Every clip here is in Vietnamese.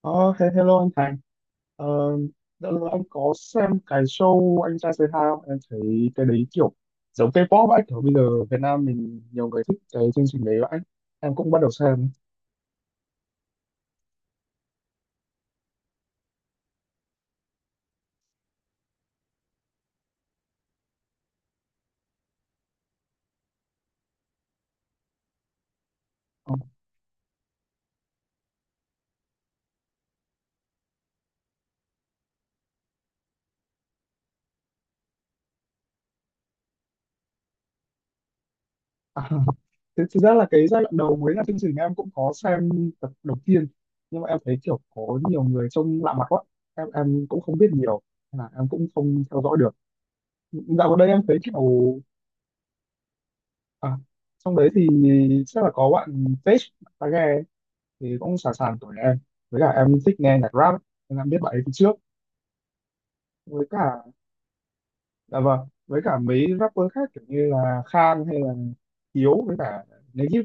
Ờ, Hello anh Thành. Ờ, đã lâu anh có xem cái show Anh Trai Say Hi không? Em thấy cái đấy kiểu giống K-pop ấy. Kiểu bây giờ Việt Nam mình nhiều người thích cái chương trình đấy vậy. Em cũng bắt đầu xem. Ờ, à, thực ra là cái giai đoạn đầu mới là chương trình em cũng có xem tập đầu tiên. Nhưng mà em thấy kiểu có nhiều người trông lạ mặt quá. Em cũng không biết nhiều. Nên là em cũng không theo dõi được. Dạo gần đây em thấy kiểu... À, trong đấy thì chắc là có bạn Page, bạn ta ghe thì cũng sẵn sàng tuổi em, với cả em thích nghe nhạc rap ấy, nên em biết bạn ấy từ trước, với cả dạ vâng, với cả mấy rapper khác kiểu như là Khan hay là Hiếu với cả Negip.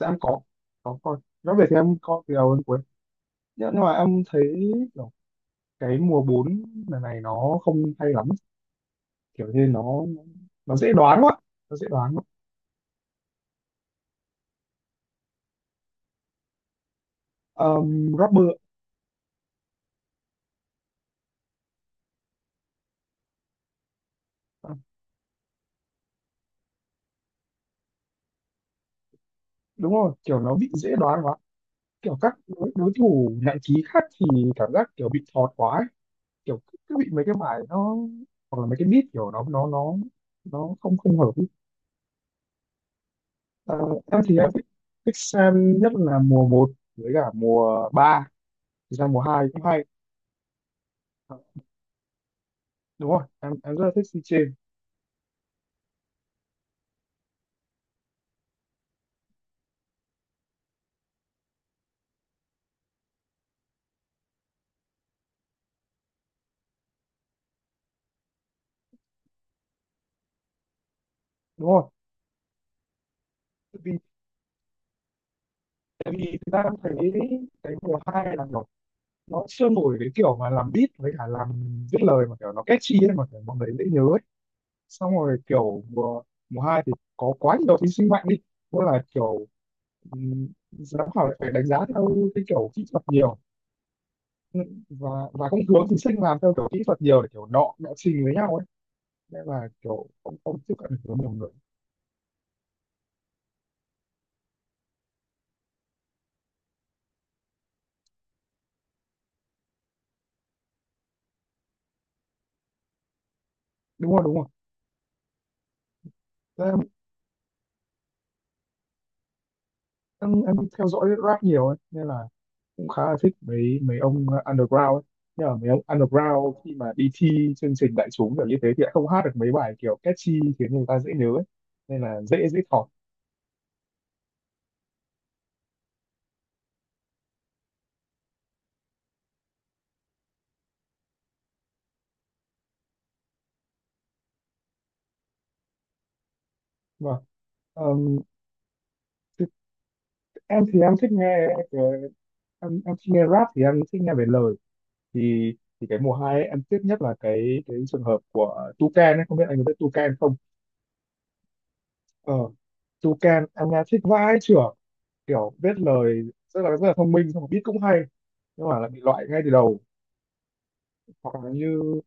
Dạ em có coi. Nói về thì em coi từ đầu đến cuối, nhưng mà em thấy kiểu cái mùa 4 lần này nó không hay lắm, kiểu như nó nó dễ đoán quá, nó dễ đoán quá. Rapper. ờ, Đúng rồi, kiểu nó bị dễ đoán quá, kiểu các đối thủ nặng ký khác thì cảm giác kiểu bị thọt quá ấy. Kiểu cứ bị mấy cái bài nó, hoặc là mấy cái beat kiểu nó nó không, không hợp ý. Ờ, em thì em thích xem nhất là mùa một với cả mùa ba, thực ra mùa 2 cũng hay. Ờ, Đúng rồi, em rất là thích si trên. Đúng rồi, tại vì, tại vì thực ra em thấy cái mùa 2 là kiểu nó chưa nổi cái kiểu mà làm beat với cả làm viết lời mà kiểu nó catchy ấy, mà kiểu mọi người dễ nhớ ấy. Xong rồi kiểu mùa mùa 2 thì có quá nhiều thí sinh mạnh đi, tức là kiểu Ừ, giám khảo lại phải đánh giá theo cái kiểu kỹ thuật nhiều. Ừ, và cũng hướng thí sinh làm theo kiểu kỹ thuật nhiều để kiểu nọ nọ trình với nhau ấy, nên là kiểu không, không tiếp cận được với nhiều người. Đúng rồi, đúng rồi. Thế em, em theo dõi rap nhiều ấy nên là cũng khá là thích mấy mấy ông underground ấy, nhưng mà mấy ông underground khi mà đi thi chương trình đại chúng kiểu như thế thì lại không hát được mấy bài kiểu catchy khiến người ta dễ nhớ ấy, nên là dễ dễ thọt. Và ờm, thì thì em thích nghe, em thích nghe rap thì em thích nghe về lời. thì thì cái mùa hai ấy, em tiếc nhất là cái trường hợp của Tucan ấy, không biết anh có biết Tucan không. ờ Tucan em nghe thích vãi chưởng, kiểu biết lời rất là thông minh, xong rồi beat cũng hay, nhưng mà lại bị loại ngay từ đầu. Hoặc là như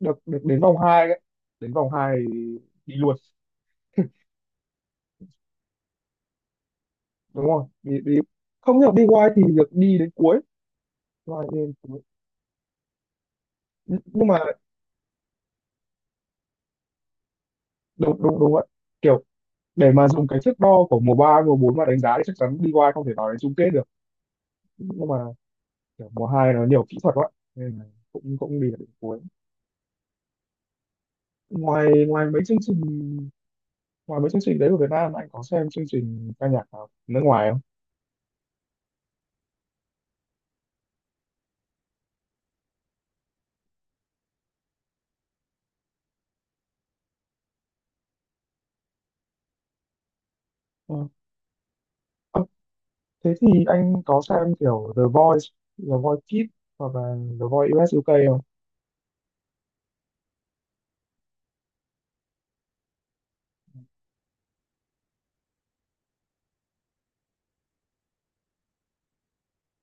được được đến vòng hai ấy, đến vòng hai thì đi luôn. Đúng không, đi không hiểu. BY thì được đi đến cuối. Đúng đến cuối. Nh- nhưng mà đúng đúng đúng vậy, kiểu để mà dùng cái thước đo của mùa 3 mùa 4 mà đánh giá thì chắc chắn đi BY không thể vào đến chung kết được, nhưng mà kiểu mùa hai nó nhiều kỹ thuật quá, nên là cũng cũng đi được đến cuối. Ngoài Ngoài mấy chương trình, ngoài mấy chương trình đấy của Việt Nam anh có xem chương trình ca nhạc nào nước ngoài không? Ờ. Ờ, Thế thì anh có xem kiểu The Voice, The Voice Kids hoặc là The Voice US UK không?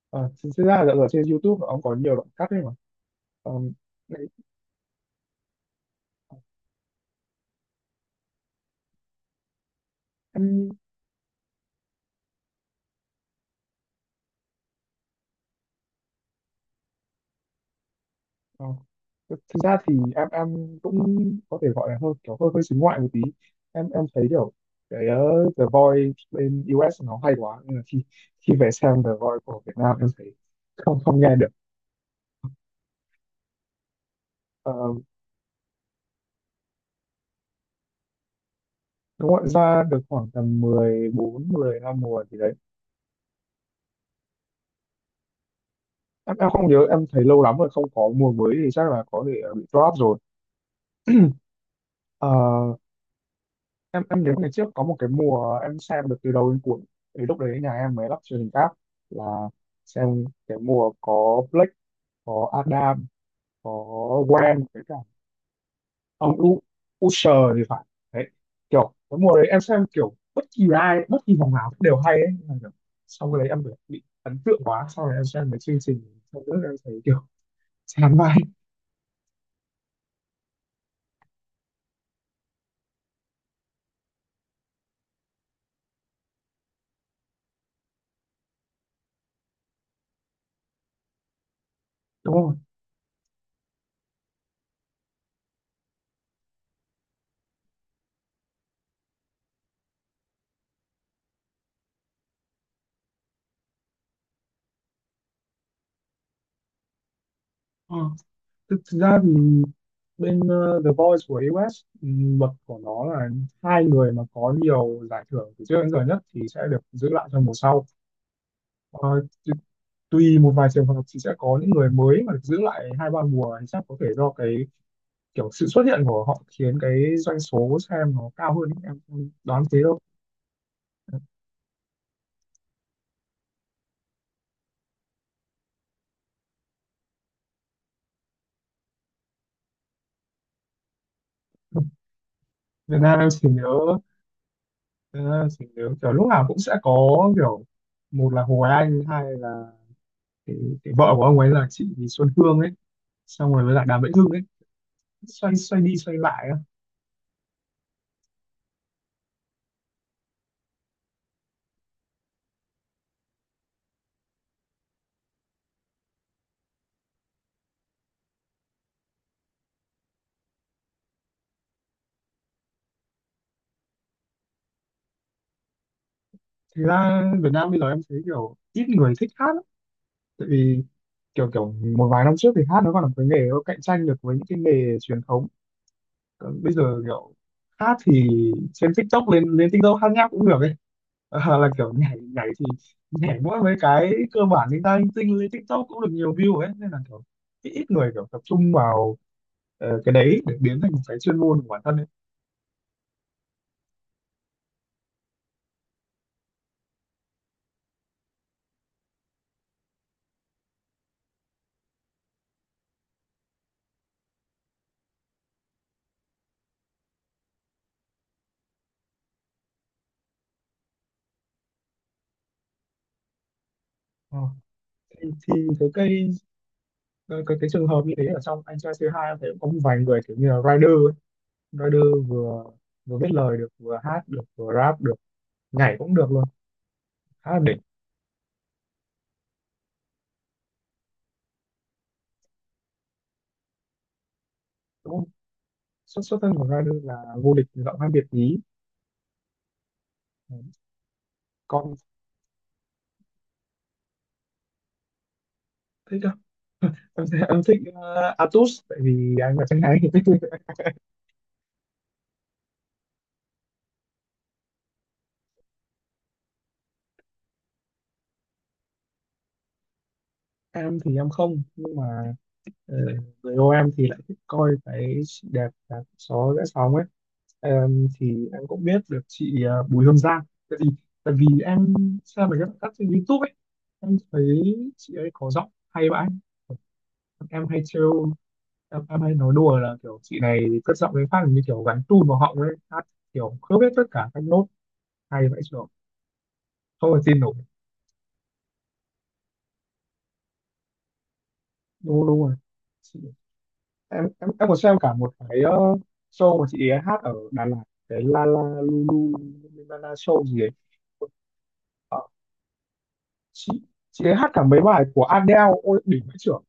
Ờ, Thực ra là ở trên YouTube nó cũng có nhiều đoạn cắt ấy mà. Ờ, đấy, em. Ờ. Thực Thực ra thì em cũng có thể gọi là hơi kiểu hơi hơi xính ngoại một tí. Em thấy kiểu cái ờ, The Voice bên US nó hay quá nên là khi, khi về xem The Voice của Việt Nam em thấy không, không nghe được. Ờ, Đúng rồi, ra được khoảng tầm mười bốn mười 15 mùa thì đấy. Em không nhớ em thấy lâu lắm rồi không có mùa mới thì chắc là có thể ờ, bị drop rồi. Ờ, em nhớ ngày trước có một cái mùa em xem được từ đầu đến cuối, thì lúc đấy nhà em mới lắp truyền hình cáp, là xem cái mùa có Blake, có Adam, có Gwen với cả ông U, Usher thì phải, đấy, kiểu cái mùa đấy em xem kiểu bất kỳ ai bất kỳ vòng nào cũng đều hay ấy. Nhưng mà kiểu, sau cái đấy em bị ấn tượng quá, sau đấy em xem mấy chương trình sau nữa em thấy kiểu chán vai. Đúng không. Ừ. Thực ra thì bên The Voice của US luật của nó là hai người mà có nhiều giải thưởng từ trước đến giờ nhất thì sẽ được giữ lại trong mùa sau. Ờ, tu- tùy một vài trường hợp thì sẽ có những người mới mà được giữ lại hai ba mùa, thì chắc có thể do cái kiểu sự xuất hiện của họ khiến cái doanh số xem nó cao hơn, em không đoán thế đâu. Việt Nam em chỉ nhớ, Việt Nam em chỉ nhớ kiểu lúc nào cũng sẽ có kiểu một là Hồ Anh, hai là cái, cái vợ của ông ấy là chị Xuân Hương ấy, xong rồi với lại Đàm Vĩnh Hưng ấy, xoay xoay đi xoay lại á. Thực ra Việt Nam bây giờ em thấy kiểu ít người thích hát lắm, tại vì kiểu kiểu một vài năm trước thì hát nó còn là một cái nghề nó cạnh tranh được với những cái nghề truyền thống, còn bây giờ kiểu hát thì trên TikTok lên lên TikTok hát nháp cũng được ấy. Là kiểu nhảy nhảy thì nhảy mỗi mấy cái cơ bản linh ta linh tinh lên TikTok cũng được nhiều view ấy, nên là kiểu ít ít người kiểu tập trung vào cái đấy để biến thành một cái chuyên môn của bản thân ấy. Ờ. Thì thấy cây cái trường hợp như thế ở trong anh trai C2 em thấy cũng có một vài người kiểu như là rider ấy. Rider vừa vừa viết lời được, vừa hát được, vừa rap được, nhảy cũng được luôn, khá là đỉnh. Đúng không, xuất xuất thân của rider là vô địch giọng hát Việt nhí. Đấy. Còn thích không? Em thấy- em thích Atus tại vì anh là chân gái thì thích. Em thì em không, nhưng mà ờ, người yêu em thì lại thích coi cái chị đẹp đạp gió rẽ sóng ấy. Em thì em cũng biết được chị Bùi Hương Giang, tại vì, tại vì em xem mấy cái cắt trên YouTube ấy, em thấy chị ấy có giọng hay vậy. Em hay trêu, em hay nói đùa là kiểu chị này cất giọng với phát như kiểu gắn tune vào họng ấy hát, kiểu khớp hết tất cả các nốt, hay vậy chứ, không thể tin nổi. Đúng đúng rồi. Chị, em còn xem cả một cái show mà chị ấy hát ở Đà Lạt, cái La La Lu, Lu La La Show gì ấy. Ờ, chị chị ấy hát cả mấy bài của Adele, ôi đỉnh vãi chưởng,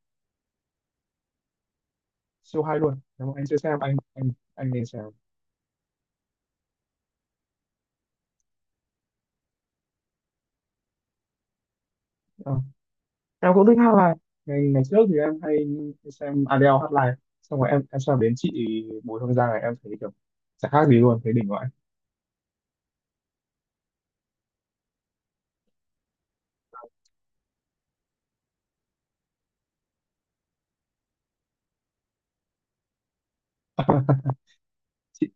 siêu hay luôn, nếu mà anh chưa xem anh nên xem. Ờ, em cũng thích hát live. Ngày Ngày trước thì em hay xem Adele hát live, xong rồi em xem đến chị Bùi Hương Giang này em thấy kiểu chẳng khác gì luôn, thấy đỉnh vậy. Chị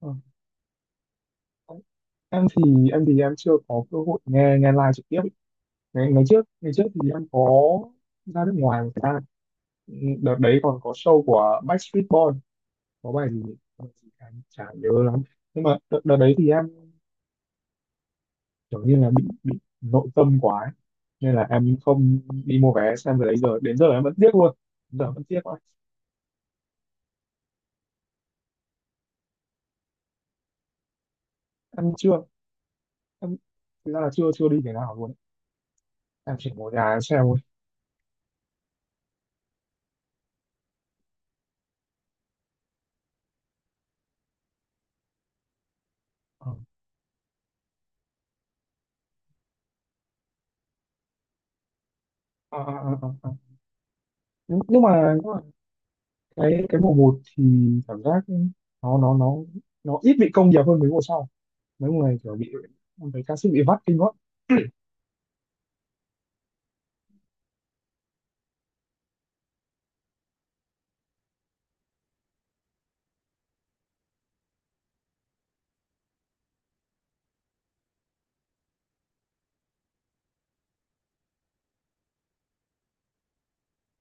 ờ, em thì em thì em chưa có cơ hội nghe, nghe live trực tiếp ý. Ngày ngày trước Ngày trước thì em có ra nước ngoài một thời gian. Ừ, đợt đấy còn có show của Backstreet Boys, có bài gì, bài gì em chả nhớ lắm, nhưng mà đợt đấy thì em kiểu như là bị nội tâm quá ấy, nên là em không đi mua vé xem, từ đấy giờ đến giờ em vẫn tiếc luôn, giờ vẫn tiếc quá. Em chưa, em thực ra là chưa chưa đi cái nào luôn ấy. Em chỉ ngồi nhà em xem thôi. Ờ. Ờ, ờ, ờ, ờ, ờ. Nhưng mà nhưng mà cái mùa một thì cảm giác nó nó ít bị công nghiệp hơn mấy mùa sau, mấy mùa này kiểu bị, em thấy ca sĩ bị vắt kinh quá.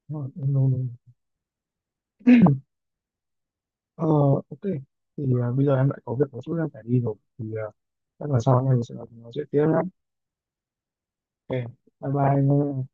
Nó. Ờ, ok. Thì à, bây giờ em lại có việc một chút em phải đi rồi. Thì à, chắc là sau anh em sẽ nói chuyện tiếp nhé. Ok, bye bye.